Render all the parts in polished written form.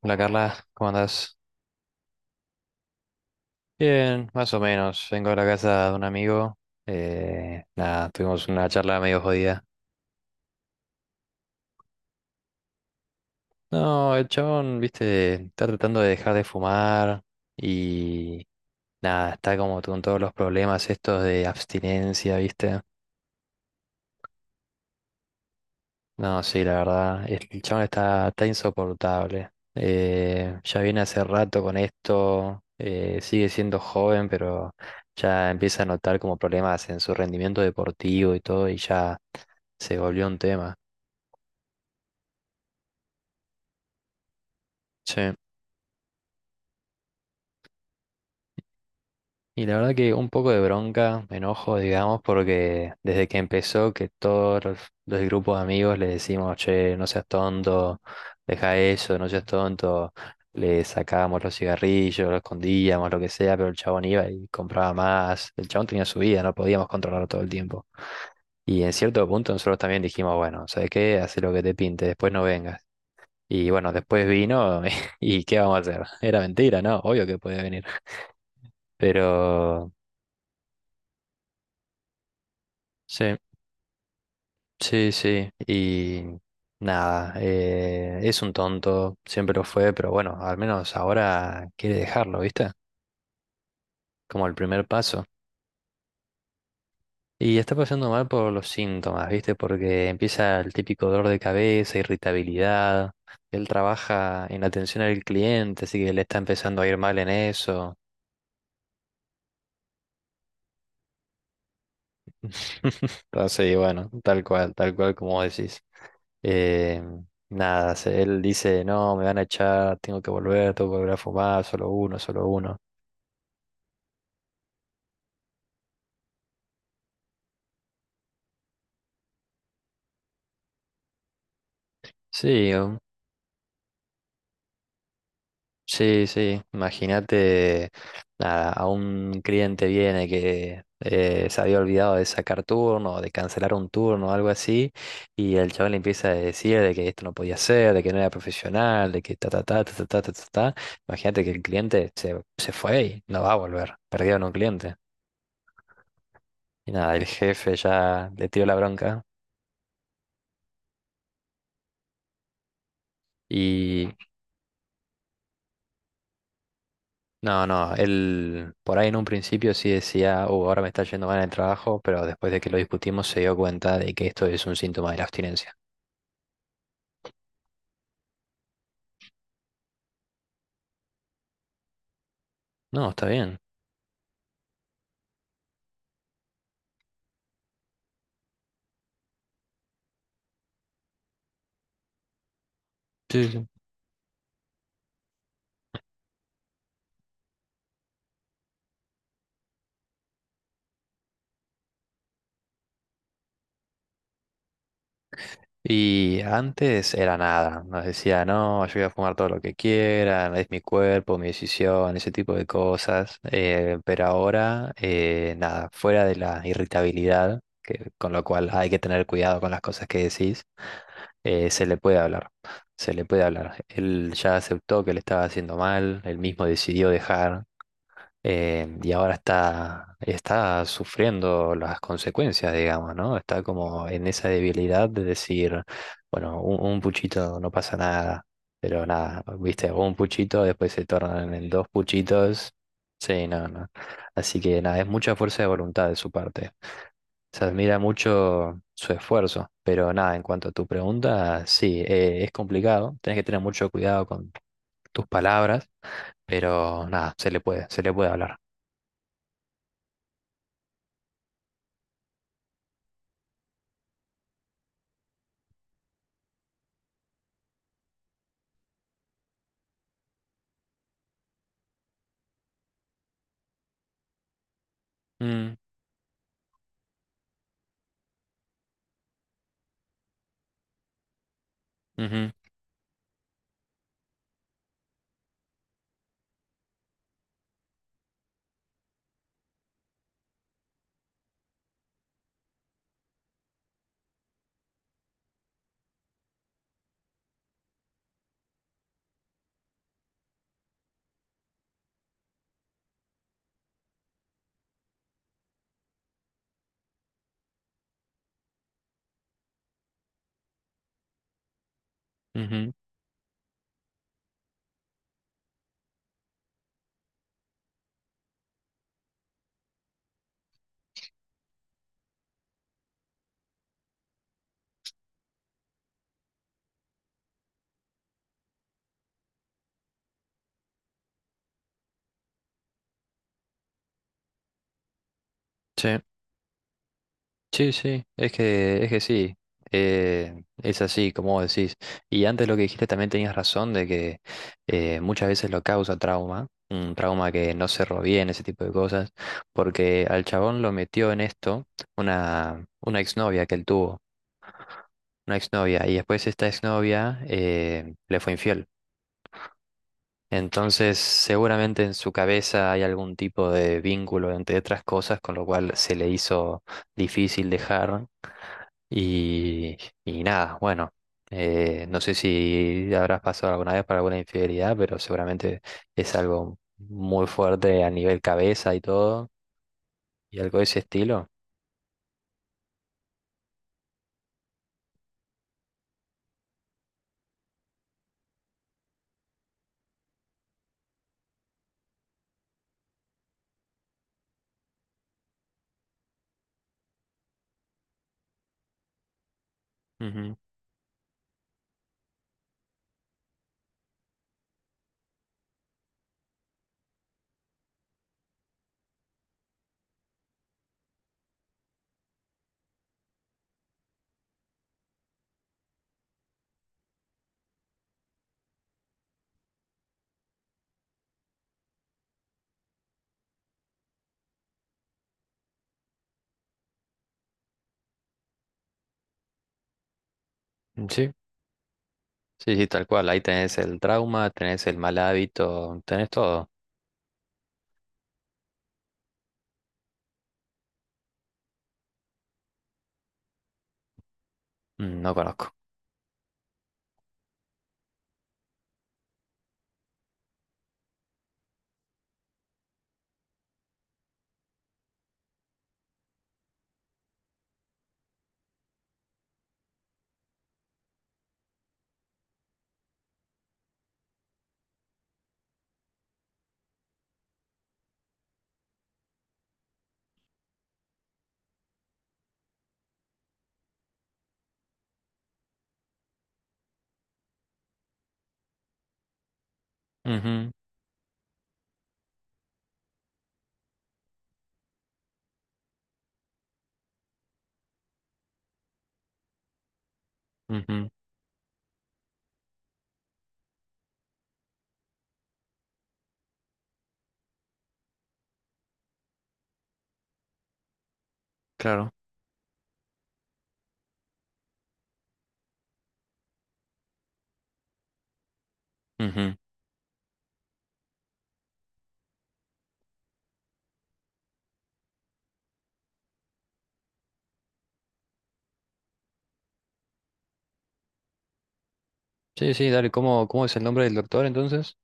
Hola Carla, ¿cómo andás? Bien, más o menos. Vengo a la casa de un amigo. Nada, tuvimos una charla medio jodida. No, el chabón, viste, está tratando de dejar de fumar y nada, está como con todos los problemas estos de abstinencia, viste. No, sí, la verdad, el chabón está, está insoportable. Ya viene hace rato con esto, sigue siendo joven, pero ya empieza a notar como problemas en su rendimiento deportivo y todo, y ya se volvió un tema. Sí. Y la verdad que un poco de bronca, enojo, digamos, porque desde que empezó que los grupos de amigos le decimos, che, no seas tonto, deja eso, no seas tonto, le sacábamos los cigarrillos, lo escondíamos, lo que sea, pero el chabón iba y compraba más, el chabón tenía su vida, no podíamos controlarlo todo el tiempo. Y en cierto punto nosotros también dijimos, bueno, ¿sabes qué? Haz lo que te pinte, después no vengas. Y bueno, después vino y ¿qué vamos a hacer? Era mentira, ¿no? Obvio que podía venir. Pero sí, sí, sí. Y nada, es un tonto, siempre lo fue, pero bueno, al menos ahora quiere dejarlo, ¿viste? Como el primer paso. Y está pasando mal por los síntomas, ¿viste? Porque empieza el típico dolor de cabeza, irritabilidad. Él trabaja en atención al cliente, así que le está empezando a ir mal en eso. Entonces, y bueno, tal cual como decís. Eh, nada, se- Él dice, no, me van a echar, tengo que volver a fumar, solo uno, solo uno. Sí, sí, sí, imagínate, nada, a un cliente viene que se había olvidado de sacar turno de cancelar un turno algo así, y el chaval le empieza a decir de que esto no podía ser, de que no era profesional, de que ta ta ta ta ta ta ta ta. Ta. Imagínate que se fue y no va a volver, perdieron un cliente. Y nada, el jefe ya le tiró la bronca. No, no, él por ahí en un principio sí decía, oh, ahora me está yendo mal en el trabajo, pero después de que lo discutimos se dio cuenta de que esto es un síntoma de la abstinencia. No, está bien. Sí, sí. Y antes era nada, nos decía, no, yo voy a fumar todo lo que quieran, es mi cuerpo, mi decisión, ese tipo de cosas. Pero ahora, nada, fuera de la irritabilidad, que, con lo cual hay que tener cuidado con las cosas que decís, se le puede hablar, se le puede hablar. Él ya aceptó que le estaba haciendo mal, él mismo decidió dejar, y ahora está, está sufriendo las consecuencias, digamos, ¿no? Está como en esa debilidad de decir, bueno, un puchito no pasa nada, pero nada, viste, un puchito después se tornan en dos puchitos. Sí, no, no. Así que nada, es mucha fuerza de voluntad de su parte. Se admira mucho su esfuerzo, pero nada, en cuanto a tu pregunta, sí, es complicado, tenés que tener mucho cuidado con tus palabras, pero nada, se le puede hablar. Mm, ujú, ujú. Sí, sí, sí, es que sí, es así, como vos decís. Y antes lo que dijiste también tenías razón de que muchas veces lo causa trauma, un trauma que no cerró bien, ese tipo de cosas, porque al chabón lo metió en esto una exnovia que él tuvo, una exnovia, y después esta exnovia le fue infiel. Entonces, seguramente en su cabeza hay algún tipo de vínculo, entre otras cosas, con lo cual se le hizo difícil dejar. Y, y nada, bueno, no sé si habrás pasado alguna vez por alguna infidelidad, pero seguramente es algo muy fuerte a nivel cabeza y todo, y algo de ese estilo. Ujú. Sí, sí, sí, tal cual. Ahí tenés el trauma, tenés el mal hábito, tenés todo. Mm, no conozco. Ujú, ujú, claro. Ujú. Sí, sí, dale. ¿Cómo, cómo es el nombre del doctor entonces?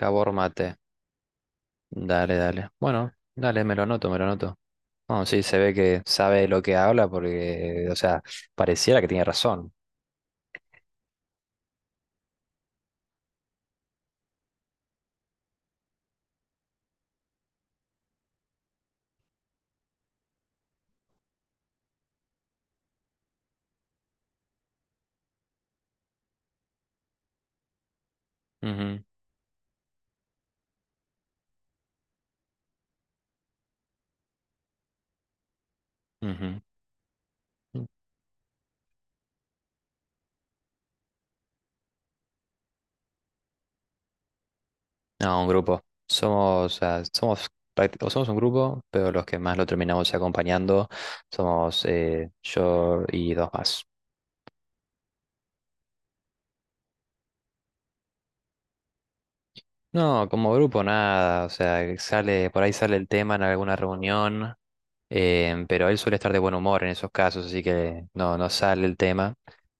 Cabor Mate. Dale, dale. Bueno, dale, me lo anoto, me lo anoto. No, sí, se ve que sabe de lo que habla porque, o sea, pareciera que tiene razón. Ujú, ujú. No, un grupo. Somos, o sea, somos, prácti- o somos un grupo, pero los que más lo terminamos acompañando somos yo y dos más. No, como grupo nada, o sea, que sale, por ahí sale el tema en alguna reunión, pero él suele estar de buen humor en esos casos, así que no, no sale el tema.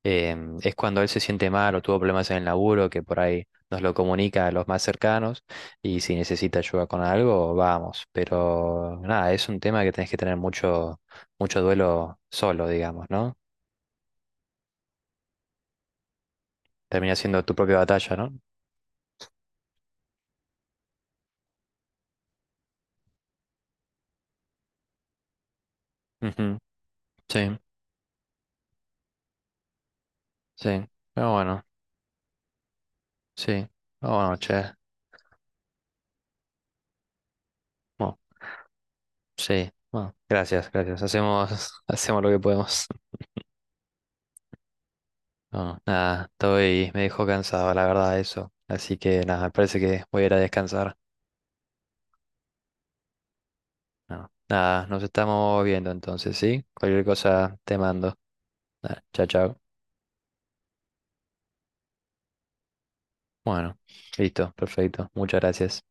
Es cuando él se siente mal o tuvo problemas en el laburo, que por ahí nos lo comunica a los más cercanos, y si necesita ayuda con algo, vamos. Pero nada, es un tema que tenés que tener mucho, mucho duelo solo, digamos, ¿no? Termina siendo tu propia batalla, ¿no? Ujú, sí, sí. Pero bueno, sí. Pero bueno, che. Bueno. Sí, bueno, gracias, gracias. Hacemos, hacemos lo que podemos. No, nada, estoy, me dejó cansado, la verdad, eso. Así que nada, me parece que voy a ir a descansar. No, nada, nos estamos viendo entonces, ¿sí? Cualquier cosa te mando. Nada, chao, chao. Bueno, listo, perfecto. Muchas gracias.